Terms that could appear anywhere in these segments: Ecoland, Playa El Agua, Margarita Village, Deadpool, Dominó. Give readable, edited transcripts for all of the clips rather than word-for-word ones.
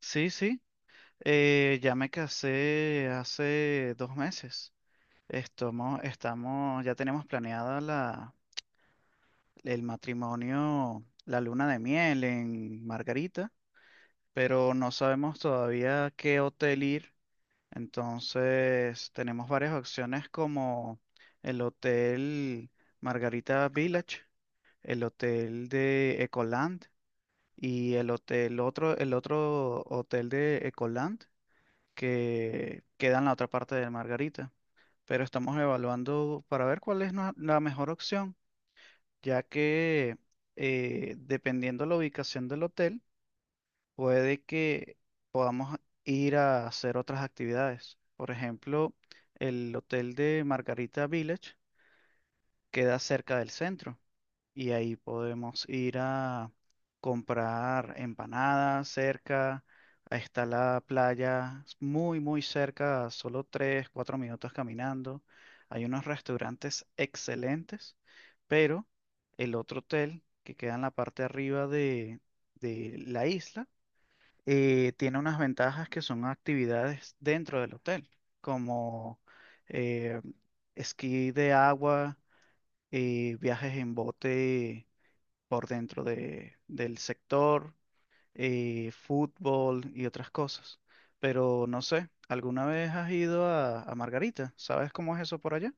Sí, sí, ya me casé hace dos meses. Estamos, ya tenemos planeada el matrimonio, la luna de miel en Margarita, pero no sabemos todavía a qué hotel ir. Entonces, tenemos varias opciones como el Hotel Margarita Village, el Hotel de Ecoland y el otro hotel de Ecoland que queda en la otra parte de Margarita. Pero estamos evaluando para ver cuál es la mejor opción, ya que dependiendo la ubicación del hotel, puede que podamos ir a hacer otras actividades. Por ejemplo, el hotel de Margarita Village queda cerca del centro y ahí podemos ir a comprar empanadas cerca. Ahí está la playa muy, muy cerca, a solo 3 4 minutos caminando. Hay unos restaurantes excelentes, pero el otro hotel que queda en la parte de arriba de la isla tiene unas ventajas que son actividades dentro del hotel, como eh, esquí de agua, viajes en bote por dentro del sector, fútbol y otras cosas. Pero no sé, ¿alguna vez has ido a Margarita? ¿Sabes cómo es eso por allá?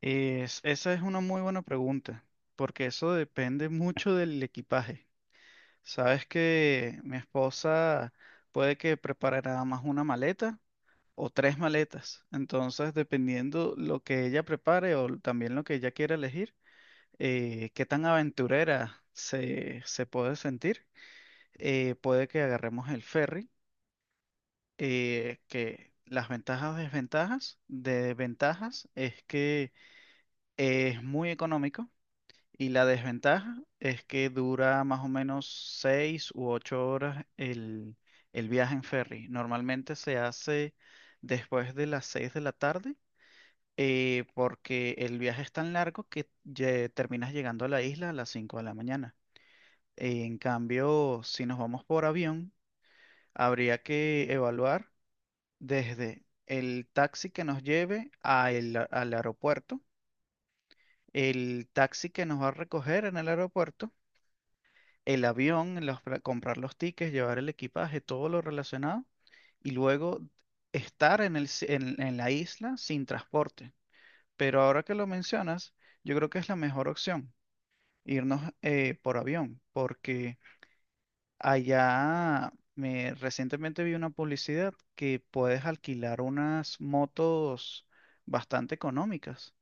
Esa es una muy buena pregunta, porque eso depende mucho del equipaje. Sabes que mi esposa puede que prepare nada más una maleta o tres maletas. Entonces, dependiendo lo que ella prepare o también lo que ella quiera elegir, qué tan aventurera se puede sentir. Puede que agarremos el ferry, que las ventajas, desventajas, de ventajas es que es muy económico y la desventaja es que dura más o menos 6 u 8 horas el viaje en ferry. Normalmente se hace después de las 6 de la tarde. Porque el viaje es tan largo que terminas llegando a la isla a las 5 de la mañana. En cambio, si nos vamos por avión, habría que evaluar desde el taxi que nos lleve al aeropuerto, el taxi que nos va a recoger en el aeropuerto, el avión, comprar los tickets, llevar el equipaje, todo lo relacionado, y luego estar en el, si- en la isla sin transporte. Pero ahora que lo mencionas, yo creo que es la mejor opción, irnos por avión, porque... Allá me recientemente vi una publicidad que puedes alquilar unas motos bastante económicas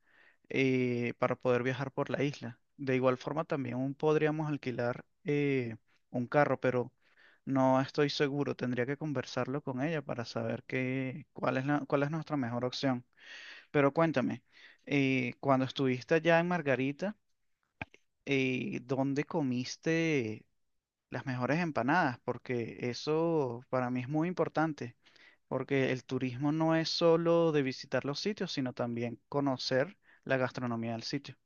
para poder viajar por la isla. De igual forma también podríamos alquilar un carro, pero no estoy seguro. Tendría que conversarlo con ella para saber qué, cuál es cuál es nuestra mejor opción. Pero cuéntame, cuando estuviste allá en Margarita, ¿dónde comiste las mejores empanadas? Porque eso para mí es muy importante, porque el turismo no es solo de visitar los sitios, sino también conocer la gastronomía del sitio.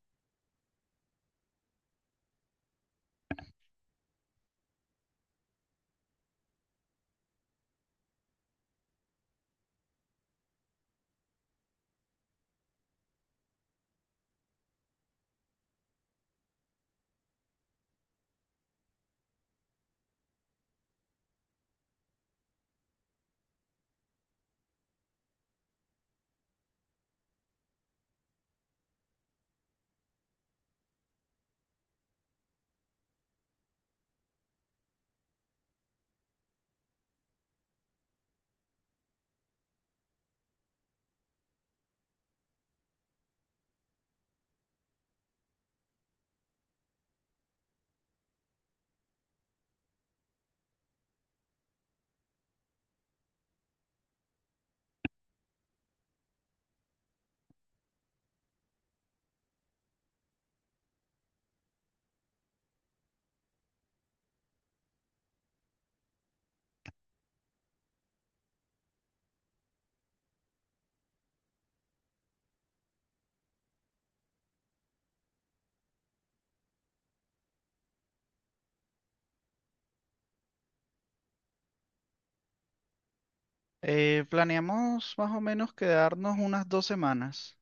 Planeamos más o menos quedarnos unas dos semanas.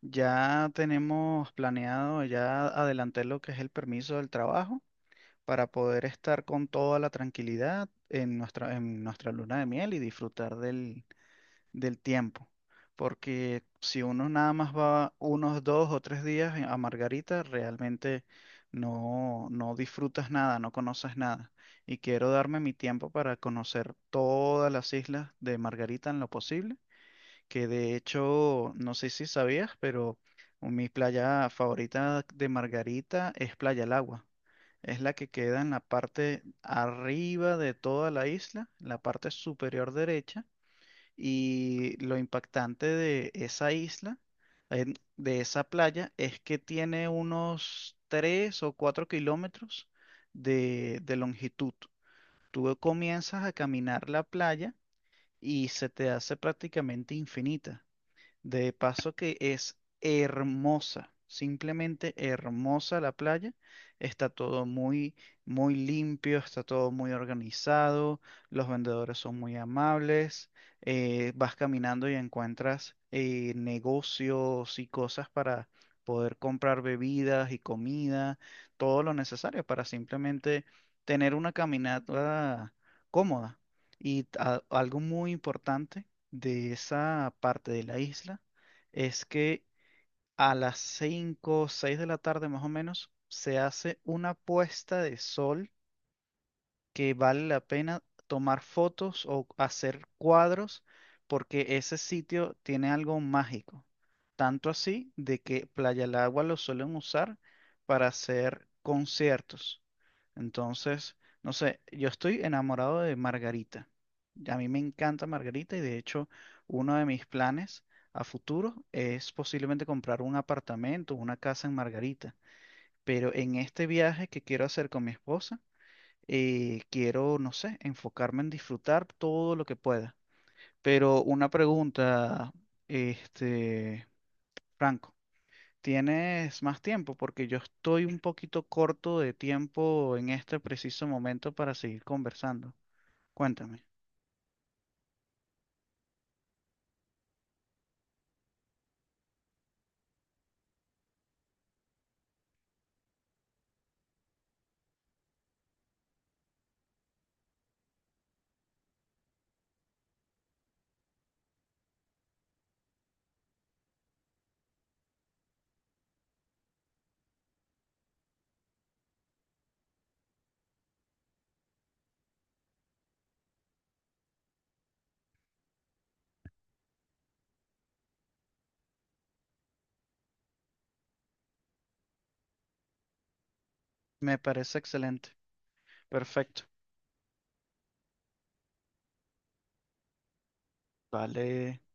Ya tenemos planeado, ya adelanté lo que es el permiso del trabajo para poder estar con toda la tranquilidad en en nuestra luna de miel y disfrutar del tiempo. Porque si uno nada más va unos dos o tres días a Margarita, realmente no disfrutas nada, no conoces nada. Y quiero darme mi tiempo para conocer todas las islas de Margarita en lo posible, que de hecho, no sé si sabías, pero mi playa favorita de Margarita es Playa El Agua. Es la que queda en la parte arriba de toda la isla, en la parte superior derecha y lo impactante de esa isla, de esa playa, es que tiene unos 3 o 4 kilómetros de longitud. Tú comienzas a caminar la playa y se te hace prácticamente infinita. De paso que es hermosa, simplemente hermosa la playa. Está todo muy, muy limpio, está todo muy organizado, los vendedores son muy amables. Vas caminando y encuentras negocios y cosas para poder comprar bebidas y comida, todo lo necesario para simplemente tener una caminata cómoda. Y algo muy importante de esa parte de la isla es que a las 5 o seis de la tarde más o menos se hace una puesta de sol que vale la pena tomar fotos o hacer cuadros porque ese sitio tiene algo mágico. Tanto así de que Playa del Agua lo suelen usar para hacer conciertos. Entonces, no sé, yo estoy enamorado de Margarita. A mí me encanta Margarita y de hecho uno de mis planes a futuro es posiblemente comprar un apartamento, una casa en Margarita. Pero en este viaje que quiero hacer con mi esposa, quiero, no sé, enfocarme en disfrutar todo lo que pueda. Pero una pregunta, este, Franco, ¿tienes más tiempo? Porque yo estoy un poquito corto de tiempo en este preciso momento para seguir conversando. Cuéntame. Me parece excelente. Perfecto. Vale.